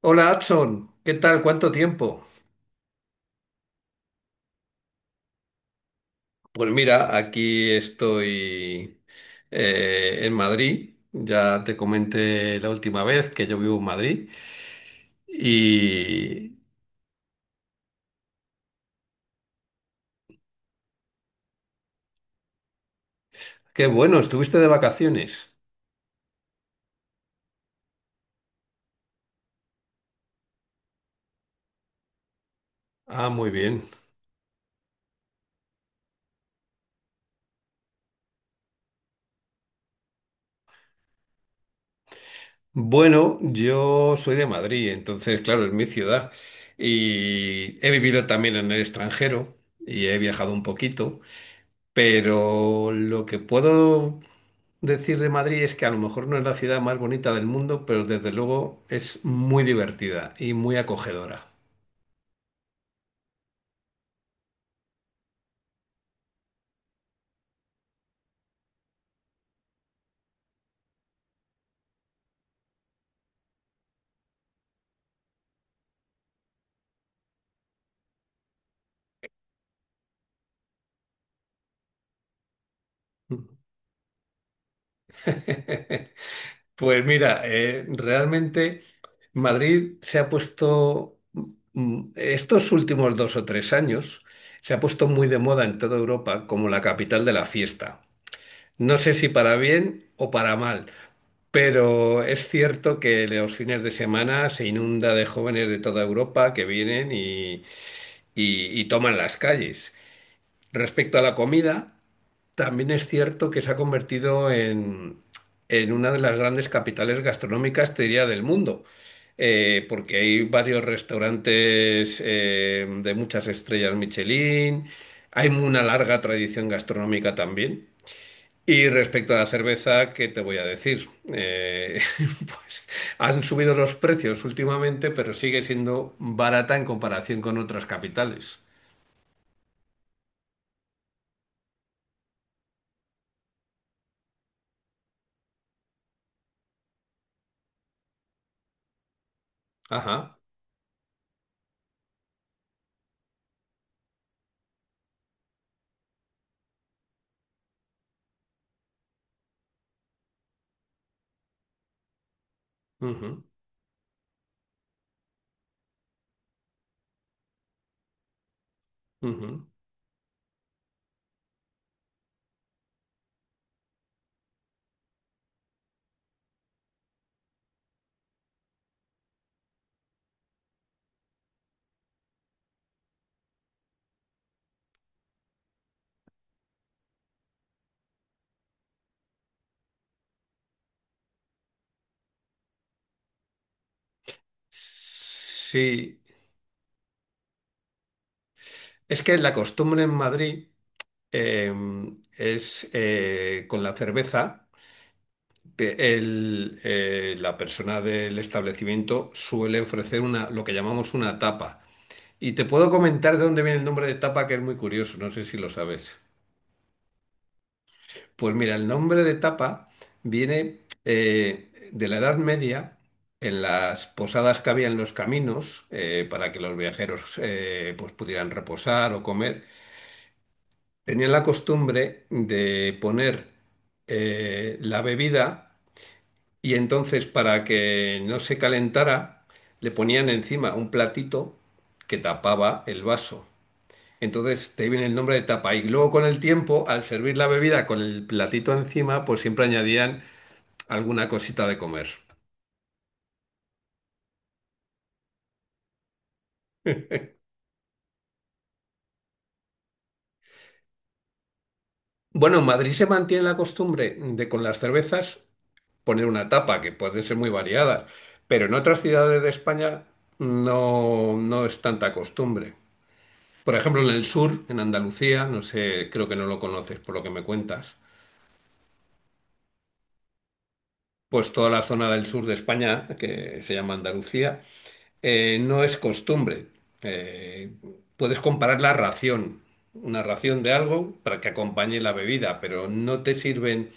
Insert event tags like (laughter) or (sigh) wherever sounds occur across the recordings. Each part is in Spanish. Hola, Adson. ¿Qué tal? ¿Cuánto tiempo? Pues mira, aquí estoy en Madrid. Ya te comenté la última vez que yo vivo en Madrid. Y qué bueno, estuviste de vacaciones. Ah, muy bien. Bueno, yo soy de Madrid, entonces, claro, es mi ciudad. Y he vivido también en el extranjero y he viajado un poquito. Pero lo que puedo decir de Madrid es que a lo mejor no es la ciudad más bonita del mundo, pero desde luego es muy divertida y muy acogedora. (laughs) Pues mira, realmente Madrid se ha puesto, estos últimos dos o tres años, se ha puesto muy de moda en toda Europa como la capital de la fiesta. No sé si para bien o para mal, pero es cierto que los fines de semana se inunda de jóvenes de toda Europa que vienen y toman las calles. Respecto a la comida, también es cierto que se ha convertido en una de las grandes capitales gastronómicas, te diría, del mundo. Porque hay varios restaurantes de muchas estrellas Michelin, hay una larga tradición gastronómica también. Y respecto a la cerveza, ¿qué te voy a decir? (laughs) Pues han subido los precios últimamente, pero sigue siendo barata en comparación con otras capitales. Ajá. Ujú, ujú. Sí. Es que la costumbre en Madrid eh, es con la cerveza, que la persona del establecimiento suele ofrecer una, lo que llamamos una tapa. Y te puedo comentar de dónde viene el nombre de tapa, que es muy curioso, no sé si lo sabes. Pues mira, el nombre de tapa viene de la Edad Media, en las posadas que había en los caminos, para que los viajeros pues pudieran reposar o comer. Tenían la costumbre de poner la bebida y entonces para que no se calentara, le ponían encima un platito que tapaba el vaso. Entonces te viene el nombre de tapa. Y luego con el tiempo, al servir la bebida con el platito encima, pues siempre añadían alguna cosita de comer. Bueno, en Madrid se mantiene la costumbre de con las cervezas poner una tapa, que pueden ser muy variadas, pero en otras ciudades de España no es tanta costumbre. Por ejemplo, en el sur, en Andalucía, no sé, creo que no lo conoces por lo que me cuentas, pues toda la zona del sur de España, que se llama Andalucía, no es costumbre. Eh, Puedes comparar la ración, una ración de algo para que acompañe la bebida, pero no te sirven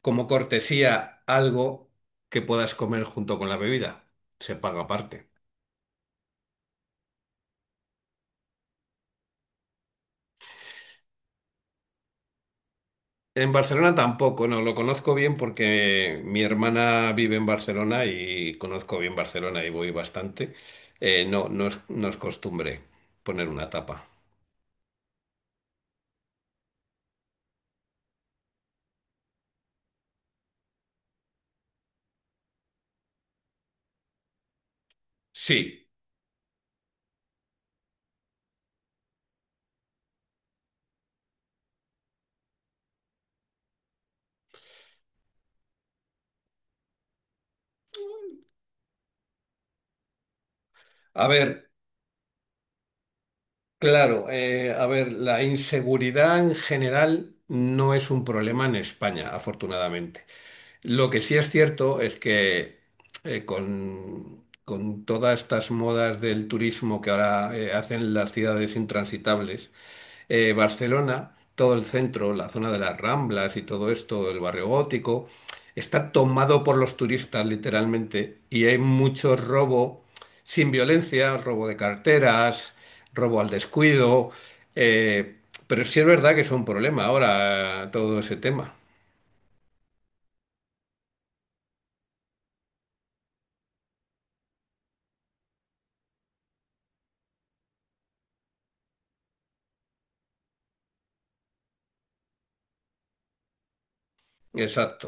como cortesía algo que puedas comer junto con la bebida. Se paga aparte. En Barcelona tampoco, no, lo conozco bien porque mi hermana vive en Barcelona y conozco bien Barcelona y voy bastante. No es costumbre poner una tapa. Sí, a ver, claro, a ver, la inseguridad en general no es un problema en España, afortunadamente. Lo que sí es cierto es que con todas estas modas del turismo que ahora hacen las ciudades intransitables, Barcelona, todo el centro, la zona de las Ramblas y todo esto, el barrio gótico, está tomado por los turistas literalmente y hay mucho robo sin violencia, robo de carteras, robo al descuido, eh, pero sí es verdad que es un problema ahora todo ese tema. Exacto,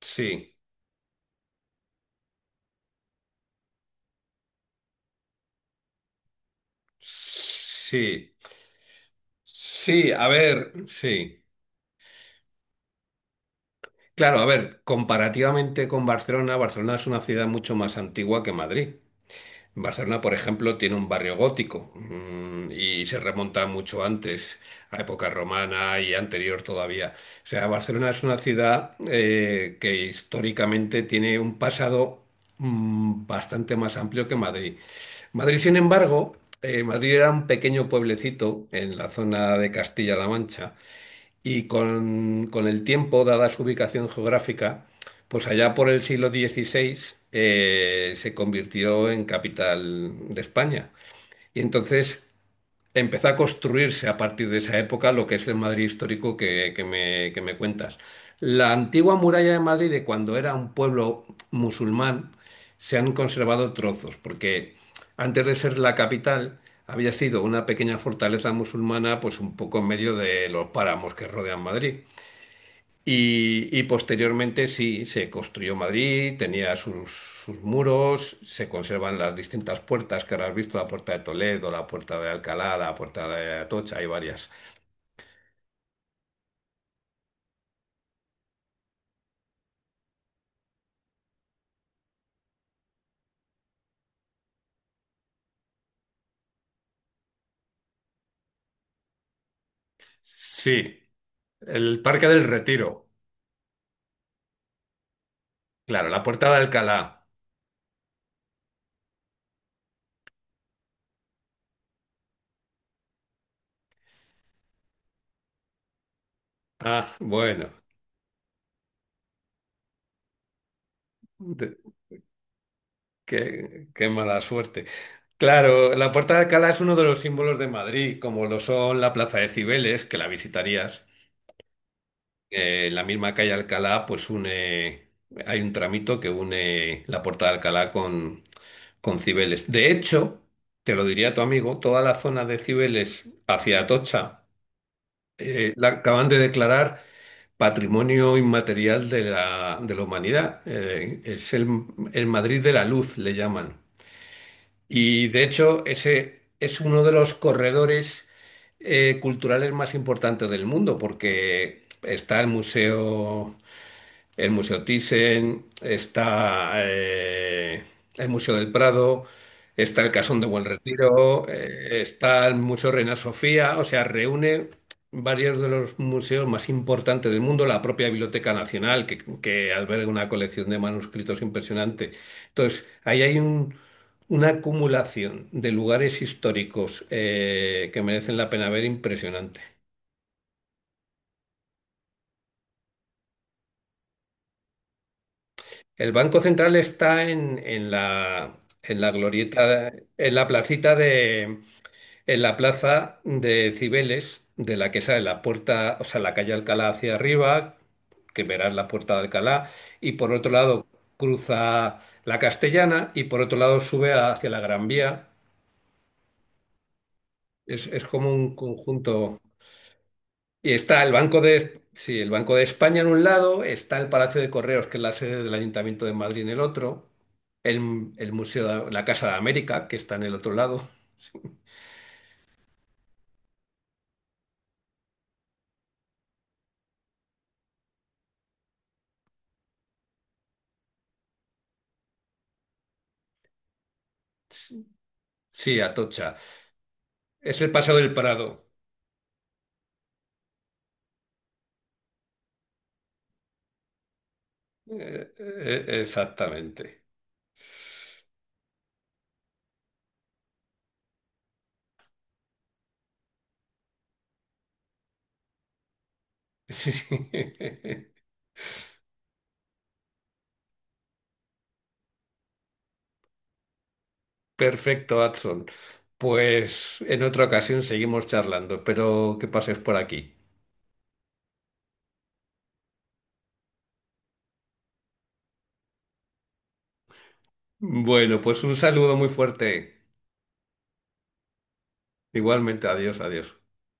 sí. Sí, sí, a ver, sí. Claro, a ver, comparativamente con Barcelona, Barcelona es una ciudad mucho más antigua que Madrid. Barcelona, por ejemplo, tiene un barrio gótico, y se remonta mucho antes, a época romana y anterior todavía. O sea, Barcelona es una ciudad que históricamente tiene un pasado, bastante más amplio que Madrid. Madrid, sin embargo, Madrid era un pequeño pueblecito en la zona de Castilla-La Mancha y con el tiempo, dada su ubicación geográfica, pues allá por el siglo XVI se convirtió en capital de España. Y entonces empezó a construirse a partir de esa época lo que es el Madrid histórico que me cuentas. La antigua muralla de Madrid, de cuando era un pueblo musulmán, se han conservado trozos, porque antes de ser la capital había sido una pequeña fortaleza musulmana, pues un poco en medio de los páramos que rodean Madrid. Y posteriormente sí, se construyó Madrid, tenía sus, sus muros, se conservan las distintas puertas que ahora has visto, la puerta de Toledo, la puerta de Alcalá, la puerta de Atocha, hay varias. Sí, el Parque del Retiro, claro, la puerta de Alcalá. Ah, bueno, de- qué, qué mala suerte. Claro, la puerta de Alcalá es uno de los símbolos de Madrid, como lo son la Plaza de Cibeles, que la visitarías. La misma calle Alcalá, pues une, hay un tramito que une la Puerta de Alcalá con Cibeles. De hecho, te lo diría tu amigo, toda la zona de Cibeles hacia Atocha, la acaban de declarar Patrimonio Inmaterial de de la Humanidad. Es el Madrid de la Luz, le llaman. Y de hecho, ese es uno de los corredores culturales más importantes del mundo, porque está el Museo Thyssen, está el Museo del Prado, está el Casón de Buen Retiro, está el Museo Reina Sofía, o sea, reúne varios de los museos más importantes del mundo, la propia Biblioteca Nacional, que alberga una colección de manuscritos impresionante. Entonces, ahí hay un- una acumulación de lugares históricos que merecen la pena ver impresionante. El Banco Central está en la glorieta, en la placita de, en la plaza de Cibeles, de la que sale la puerta, o sea, la calle Alcalá hacia arriba, que verás la puerta de Alcalá, y por otro lado cruza la Castellana y por otro lado sube hacia la Gran Vía. Es como un conjunto. Y está el Banco de, sí, el Banco de España en un lado, está el Palacio de Correos, que es la sede del Ayuntamiento de Madrid en el otro, el Museo de la Casa de América, que está en el otro lado. Sí, sí, Atocha. Es el Paseo del Prado. Exactamente. Sí. (laughs) Perfecto, Adson. Pues en otra ocasión seguimos charlando, espero que pases por aquí. Bueno, pues un saludo muy fuerte. Igualmente, adiós, adiós.